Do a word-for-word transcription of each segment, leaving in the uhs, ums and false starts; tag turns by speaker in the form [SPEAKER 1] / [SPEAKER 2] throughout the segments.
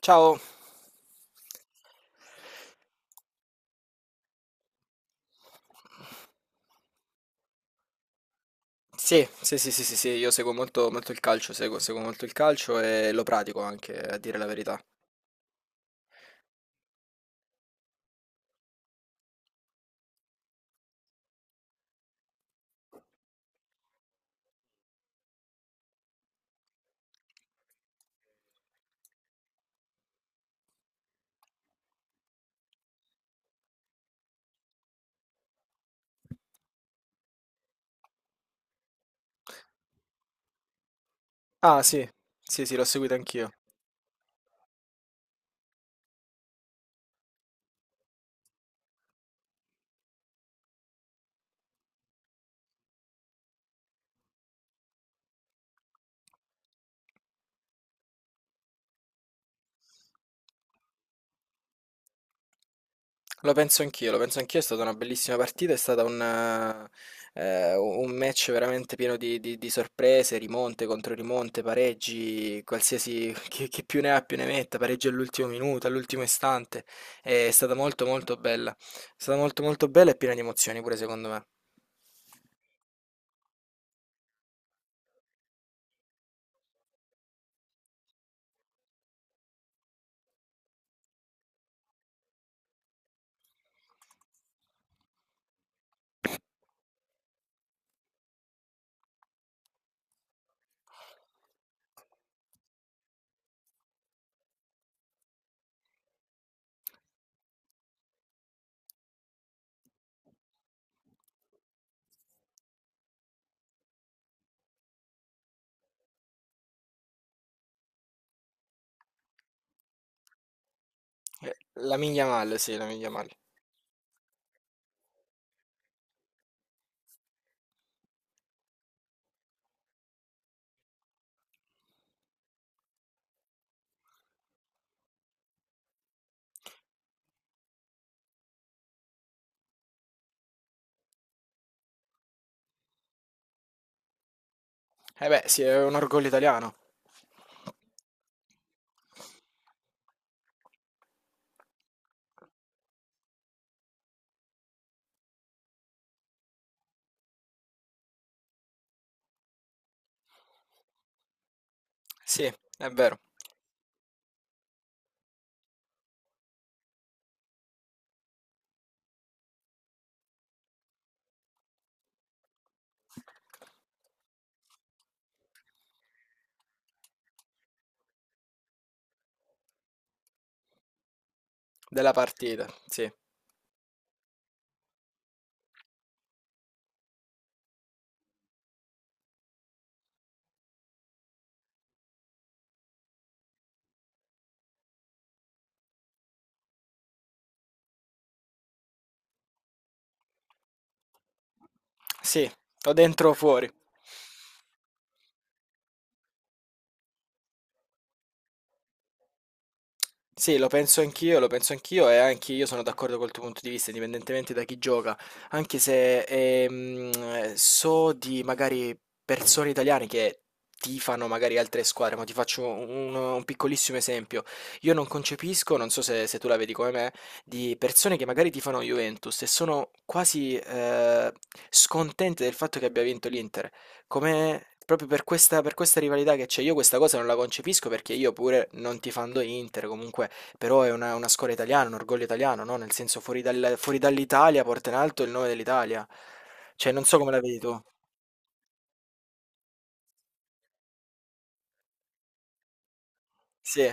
[SPEAKER 1] Ciao. Sì, sì, sì, sì, sì, sì, io seguo molto, molto il calcio, seguo, seguo molto il calcio e lo pratico anche, a dire la verità. Ah, sì, sì, sì, l'ho seguito anch'io. Lo penso anch'io, lo penso anch'io, è stata una bellissima partita, è stato un, eh, un match veramente pieno di, di- di sorprese, rimonte contro rimonte, pareggi, qualsiasi chi, chi più ne ha più ne metta, pareggi all'ultimo minuto, all'ultimo istante, è stata molto molto bella, è stata molto molto bella e piena di emozioni pure secondo me. Eh, La miglia male, sì, la miglia male. Eh beh, sì, è un orgoglio italiano. Sì, è vero, della partita, sì. Sì, o dentro o fuori. Sì, lo penso anch'io, lo penso anch'io e anche io sono d'accordo col tuo punto di vista, indipendentemente da chi gioca, anche se ehm, eh, so di magari persone italiane che tifano magari altre squadre, ma ti faccio un, un piccolissimo esempio. Io non concepisco, non so se, se tu la vedi come me, di persone che magari tifano Juventus e sono quasi eh, scontente del fatto che abbia vinto l'Inter. Come proprio per questa, per questa rivalità che c'è, io questa cosa non la concepisco perché io pure non tifando Inter, comunque, però è una, una scuola italiana, un orgoglio italiano, no? Nel senso fuori dal- fuori dall'Italia porta in alto il nome dell'Italia. Cioè, non so come la vedi tu. Sì,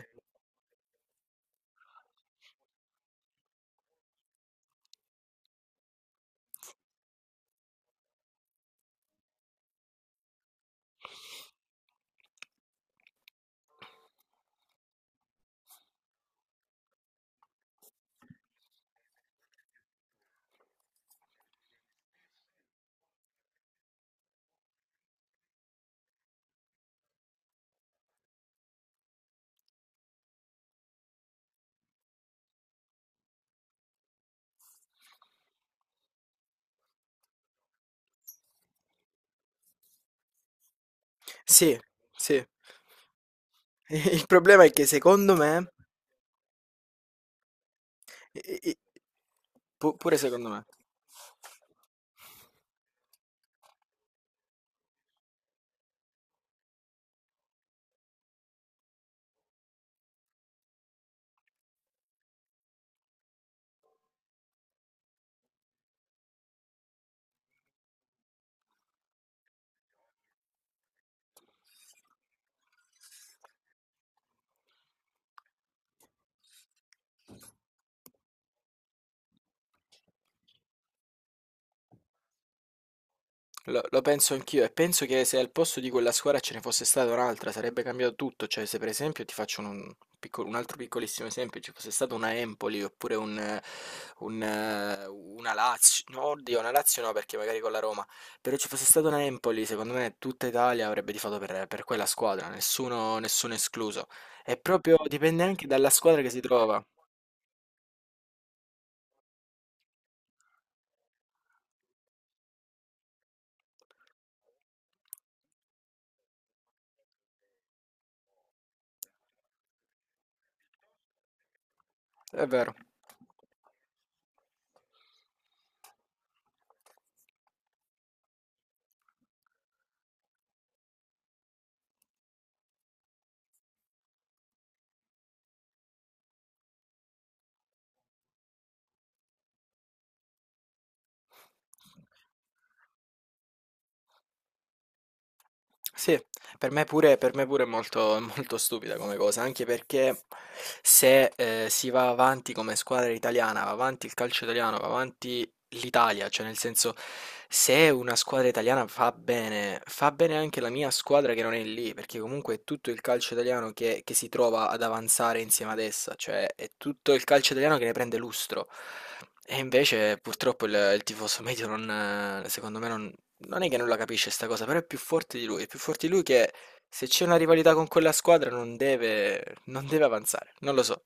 [SPEAKER 1] sì, sì. Il problema è che secondo me. E- e- pu- Pure secondo me. Lo, lo penso anch'io e penso che se al posto di quella squadra ce ne fosse stata un'altra sarebbe cambiato tutto, cioè se per esempio ti faccio un, piccolo- un altro piccolissimo esempio, ci fosse stata una Empoli oppure un, eh, un, eh, una Lazio, no, oddio, una Lazio no perché magari con la Roma, però ci fosse stata una Empoli, secondo me tutta Italia avrebbe tifato per, per quella squadra, nessuno, nessuno escluso, e proprio dipende anche dalla squadra che si trova. È vero. Sì, per me pure, per me pure è molto, molto stupida come cosa, anche perché se eh, si va avanti come squadra italiana, va avanti il calcio italiano, va avanti l'Italia, cioè nel senso se una squadra italiana fa bene, fa bene anche la mia squadra che non è lì, perché comunque è tutto il calcio italiano che, che si trova ad avanzare insieme ad essa, cioè è tutto il calcio italiano che ne prende lustro. E invece purtroppo il, il tifoso medio non, eh, secondo me non è che non la capisce sta cosa, però è più forte di lui. È più forte di lui che se c'è una rivalità con quella squadra non deve, non deve avanzare. Non lo so.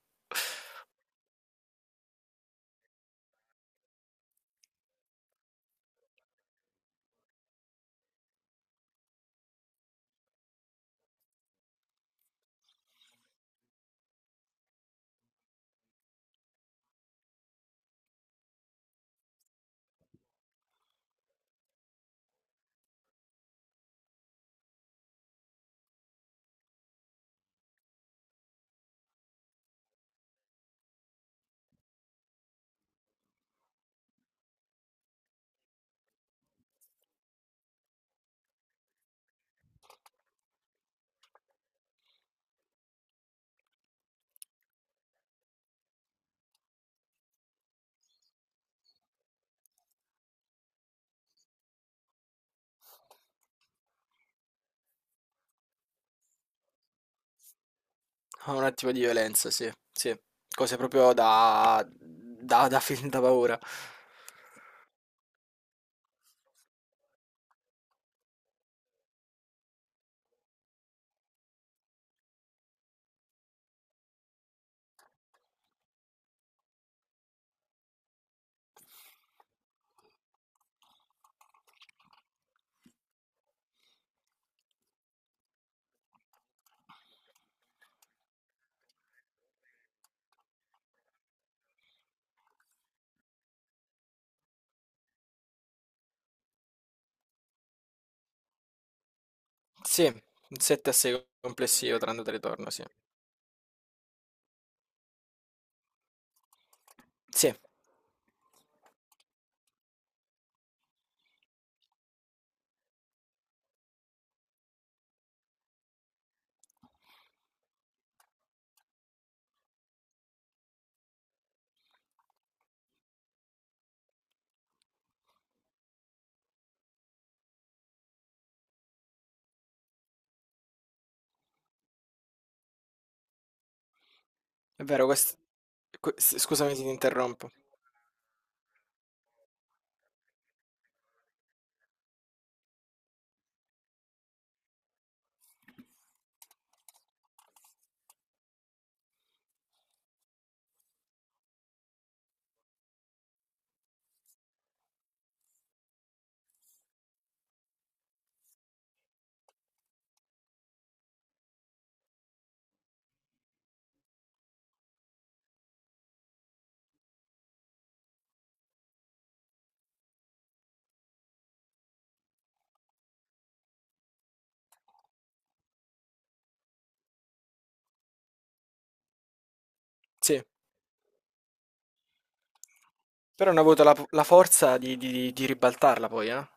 [SPEAKER 1] Ha un attimo di violenza, sì, sì. Cose proprio da, da, da film da paura. Sì, un sette a sei complessivo tra andata e ritorno, sì. Sì, è vero, quest- que- s- scusami se ti interrompo. Sì. Però hanno avuto la, la forza di, di- di ribaltarla poi, eh?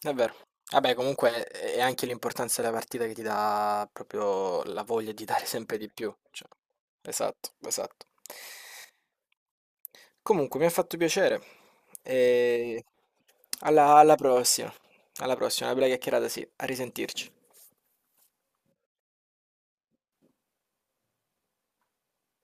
[SPEAKER 1] È vero. Vabbè, comunque è anche l'importanza della partita che ti dà proprio la voglia di dare sempre di più. Cioè. Esatto, esatto. Comunque, mi ha fatto piacere. E alla, alla prossima. Alla prossima, una bella chiacchierata, sì. A risentirci.